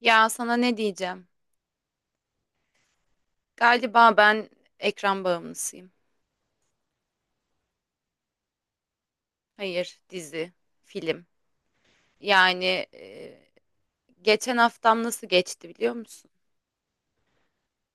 Ya sana ne diyeceğim? Galiba ben ekran bağımlısıyım. Hayır, dizi, film. Yani e, geçen haftam nasıl geçti biliyor musun?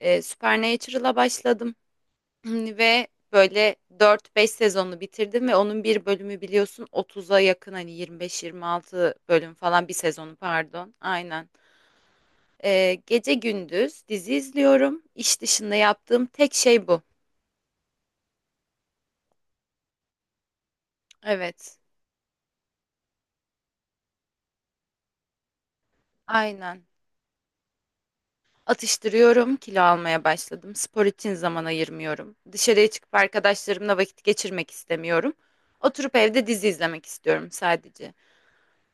Supernatural'a başladım ve böyle dört beş sezonu bitirdim ve onun bir bölümü biliyorsun 30'a yakın, hani 25 26 bölüm falan bir sezonu, pardon. Aynen. Gece gündüz dizi izliyorum. İş dışında yaptığım tek şey bu. Evet. Aynen. Atıştırıyorum, kilo almaya başladım. Spor için zaman ayırmıyorum. Dışarıya çıkıp arkadaşlarımla vakit geçirmek istemiyorum. Oturup evde dizi izlemek istiyorum sadece.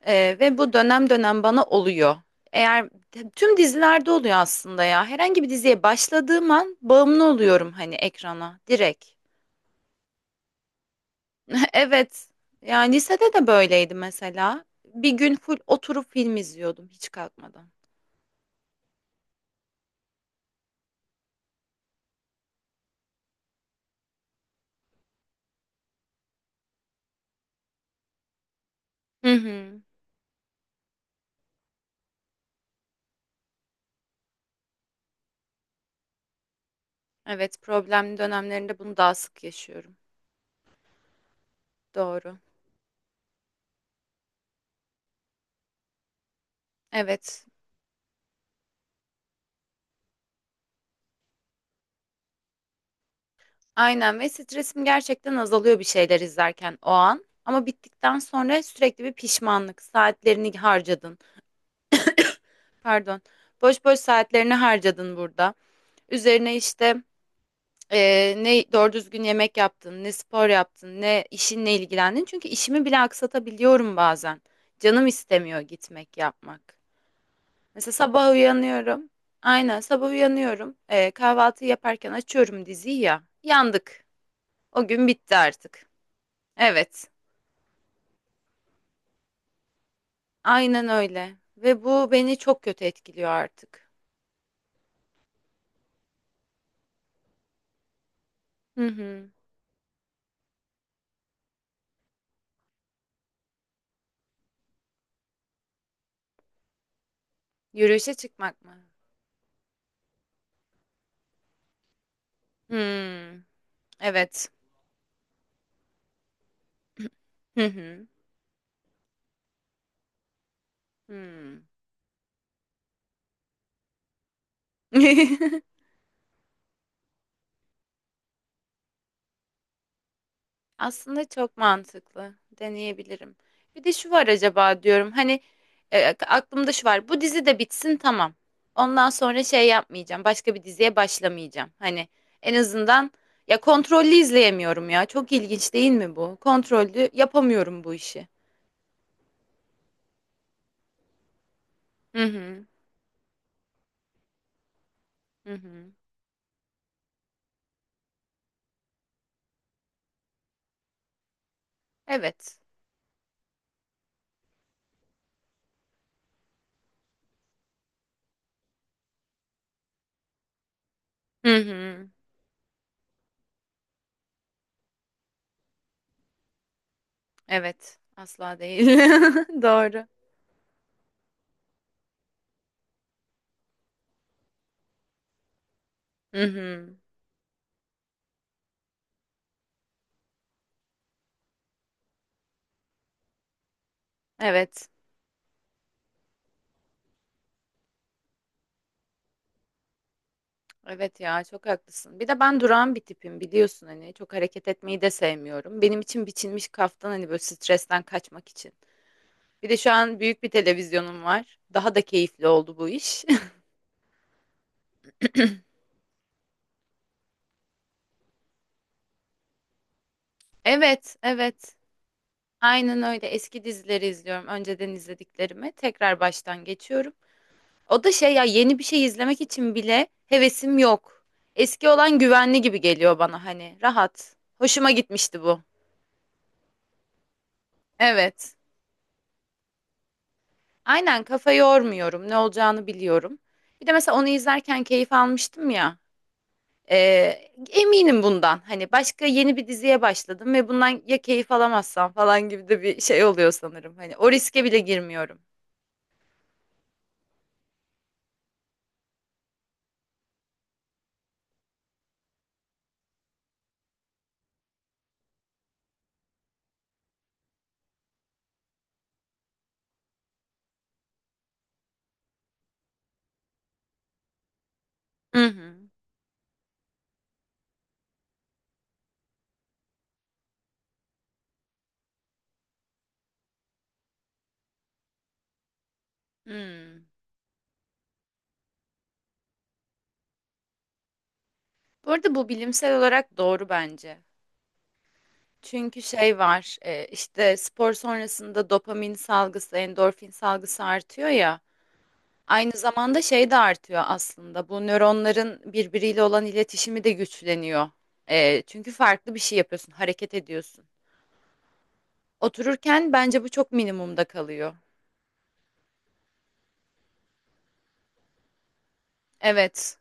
Ve bu dönem dönem bana oluyor. Eğer tüm dizilerde oluyor aslında ya. Herhangi bir diziye başladığım an bağımlı oluyorum, hani ekrana direkt. Evet. Yani lisede de böyleydi mesela. Bir gün full oturup film izliyordum hiç kalkmadan. Hı hı. Evet, problemli dönemlerinde bunu daha sık yaşıyorum. Doğru. Evet. Aynen, ve stresim gerçekten azalıyor bir şeyler izlerken o an. Ama bittikten sonra sürekli bir pişmanlık. Saatlerini harcadın. Pardon. Boş boş saatlerini harcadın burada. Üzerine işte ne doğru düzgün yemek yaptın, ne spor yaptın, ne işinle ilgilendin. Çünkü işimi bile aksatabiliyorum bazen. Canım istemiyor gitmek yapmak. Mesela sabah uyanıyorum. Aynen, sabah uyanıyorum. Kahvaltı yaparken açıyorum diziyi ya. Yandık. O gün bitti artık. Evet, aynen öyle. Ve bu beni çok kötü etkiliyor artık. Hı hı. Yürüyüşe çıkmak mı? Hmm, evet. Hı hı. Hmm. Aslında çok mantıklı. Deneyebilirim. Bir de şu var acaba diyorum. Hani aklımda şu var. Bu dizi de bitsin, tamam. Ondan sonra şey yapmayacağım. Başka bir diziye başlamayacağım. Hani en azından, ya, kontrollü izleyemiyorum ya. Çok ilginç değil mi bu? Kontrollü yapamıyorum bu işi. Hı hı. Hı hı. Evet. Hı hı. Evet. Asla değil. Doğru. Hı hı. Evet. Evet ya, çok haklısın. Bir de ben durağan bir tipim, biliyorsun, hani çok hareket etmeyi de sevmiyorum. Benim için biçilmiş kaftan hani, böyle stresten kaçmak için. Bir de şu an büyük bir televizyonum var. Daha da keyifli oldu bu iş. Evet, evet. Aynen öyle. Eski dizileri izliyorum. Önceden izlediklerimi tekrar baştan geçiyorum. O da şey ya, yeni bir şey izlemek için bile hevesim yok. Eski olan güvenli gibi geliyor bana, hani rahat. Hoşuma gitmişti bu. Evet. Aynen, kafa yormuyorum. Ne olacağını biliyorum. Bir de mesela onu izlerken keyif almıştım ya. Eminim bundan. Hani başka yeni bir diziye başladım ve bundan ya keyif alamazsam falan gibi de bir şey oluyor sanırım. Hani o riske bile girmiyorum. Hı hı. Hmm. Bu arada bu bilimsel olarak doğru bence. Çünkü şey var, işte spor sonrasında dopamin salgısı, endorfin salgısı artıyor ya. Aynı zamanda şey de artıyor aslında. Bu nöronların birbiriyle olan iletişimi de güçleniyor. Çünkü farklı bir şey yapıyorsun, hareket ediyorsun. Otururken bence bu çok minimumda kalıyor. Evet,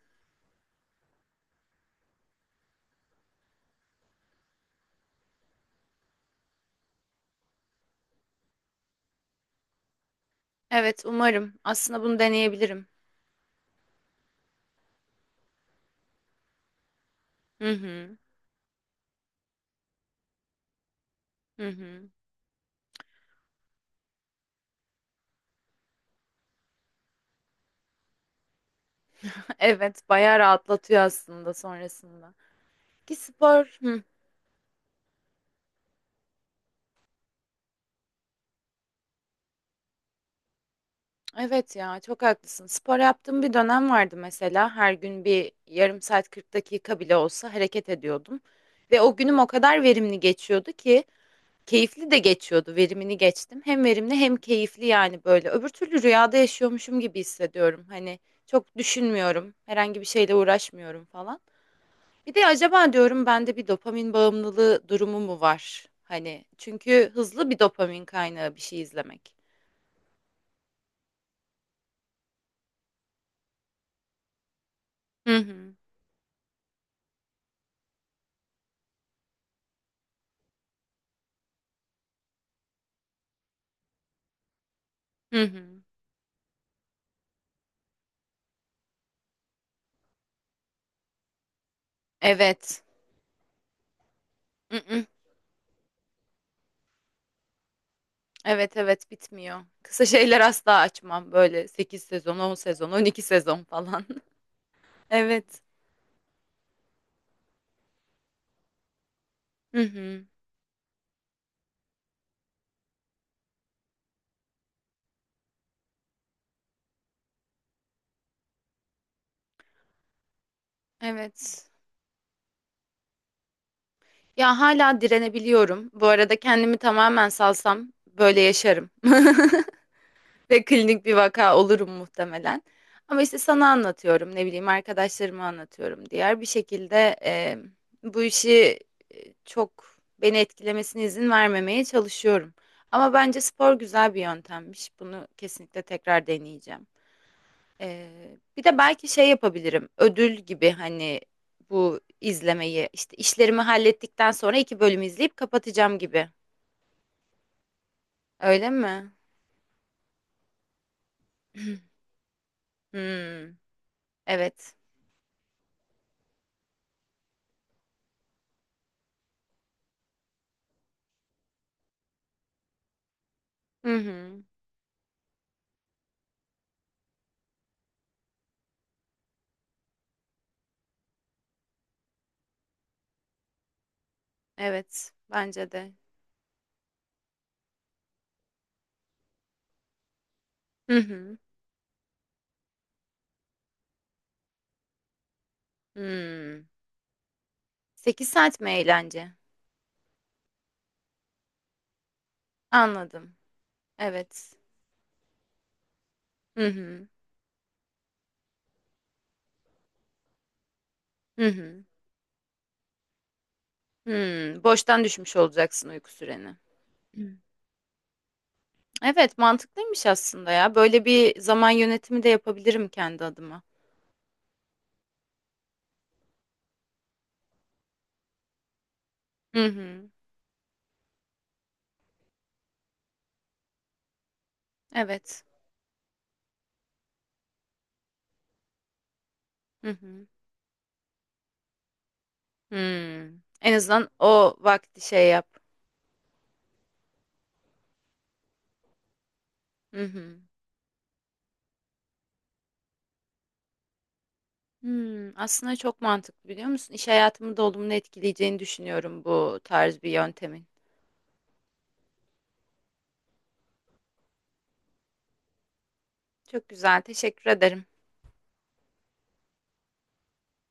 evet, umarım. Aslında bunu deneyebilirim. Hı hı, hı hı. Evet, bayağı rahatlatıyor aslında sonrasında. Ki spor. Hı. Evet ya, çok haklısın. Spor yaptığım bir dönem vardı mesela. Her gün bir yarım saat 40 dakika bile olsa hareket ediyordum. Ve o günüm o kadar verimli geçiyordu ki keyifli de geçiyordu. Verimini geçtim. Hem verimli hem keyifli, yani böyle. Öbür türlü rüyada yaşıyormuşum gibi hissediyorum. Hani çok düşünmüyorum. Herhangi bir şeyle uğraşmıyorum falan. Bir de acaba diyorum, bende bir dopamin bağımlılığı durumu mu var? Hani çünkü hızlı bir dopamin kaynağı bir şey izlemek. Hı hı. Hı hı. Evet. Mm-mm. Evet evet, bitmiyor. Kısa şeyler asla açmam. Böyle 8 sezon, 10 sezon, 12 sezon falan. Evet. Hı hı. Evet. Ya, hala direnebiliyorum. Bu arada kendimi tamamen salsam böyle yaşarım. Ve klinik bir vaka olurum muhtemelen. Ama işte sana anlatıyorum, ne bileyim, arkadaşlarıma anlatıyorum. Diğer bir şekilde bu işi çok beni etkilemesine izin vermemeye çalışıyorum. Ama bence spor güzel bir yöntemmiş. Bunu kesinlikle tekrar deneyeceğim. Bir de belki şey yapabilirim. Ödül gibi, hani bu izlemeyi işte işlerimi hallettikten sonra iki bölüm izleyip kapatacağım gibi. Öyle mi? Hmm, evet. Hı hı. Evet, bence de. Hı hı. Hmm. 8 saat mi eğlence? Anladım. Evet. Hı hı. Hı hı. Hmm, boştan düşmüş olacaksın uyku süreni. Hmm. Evet, mantıklıymış aslında ya. Böyle bir zaman yönetimi de yapabilirim kendi adıma. Hı hı. Evet. Hı hı. Hmm. En azından o vakti şey yap. Hı hı. Hmm, aslında çok mantıklı, biliyor musun? İş hayatımı da olumlu etkileyeceğini düşünüyorum bu tarz bir yöntemin. Çok güzel, teşekkür ederim.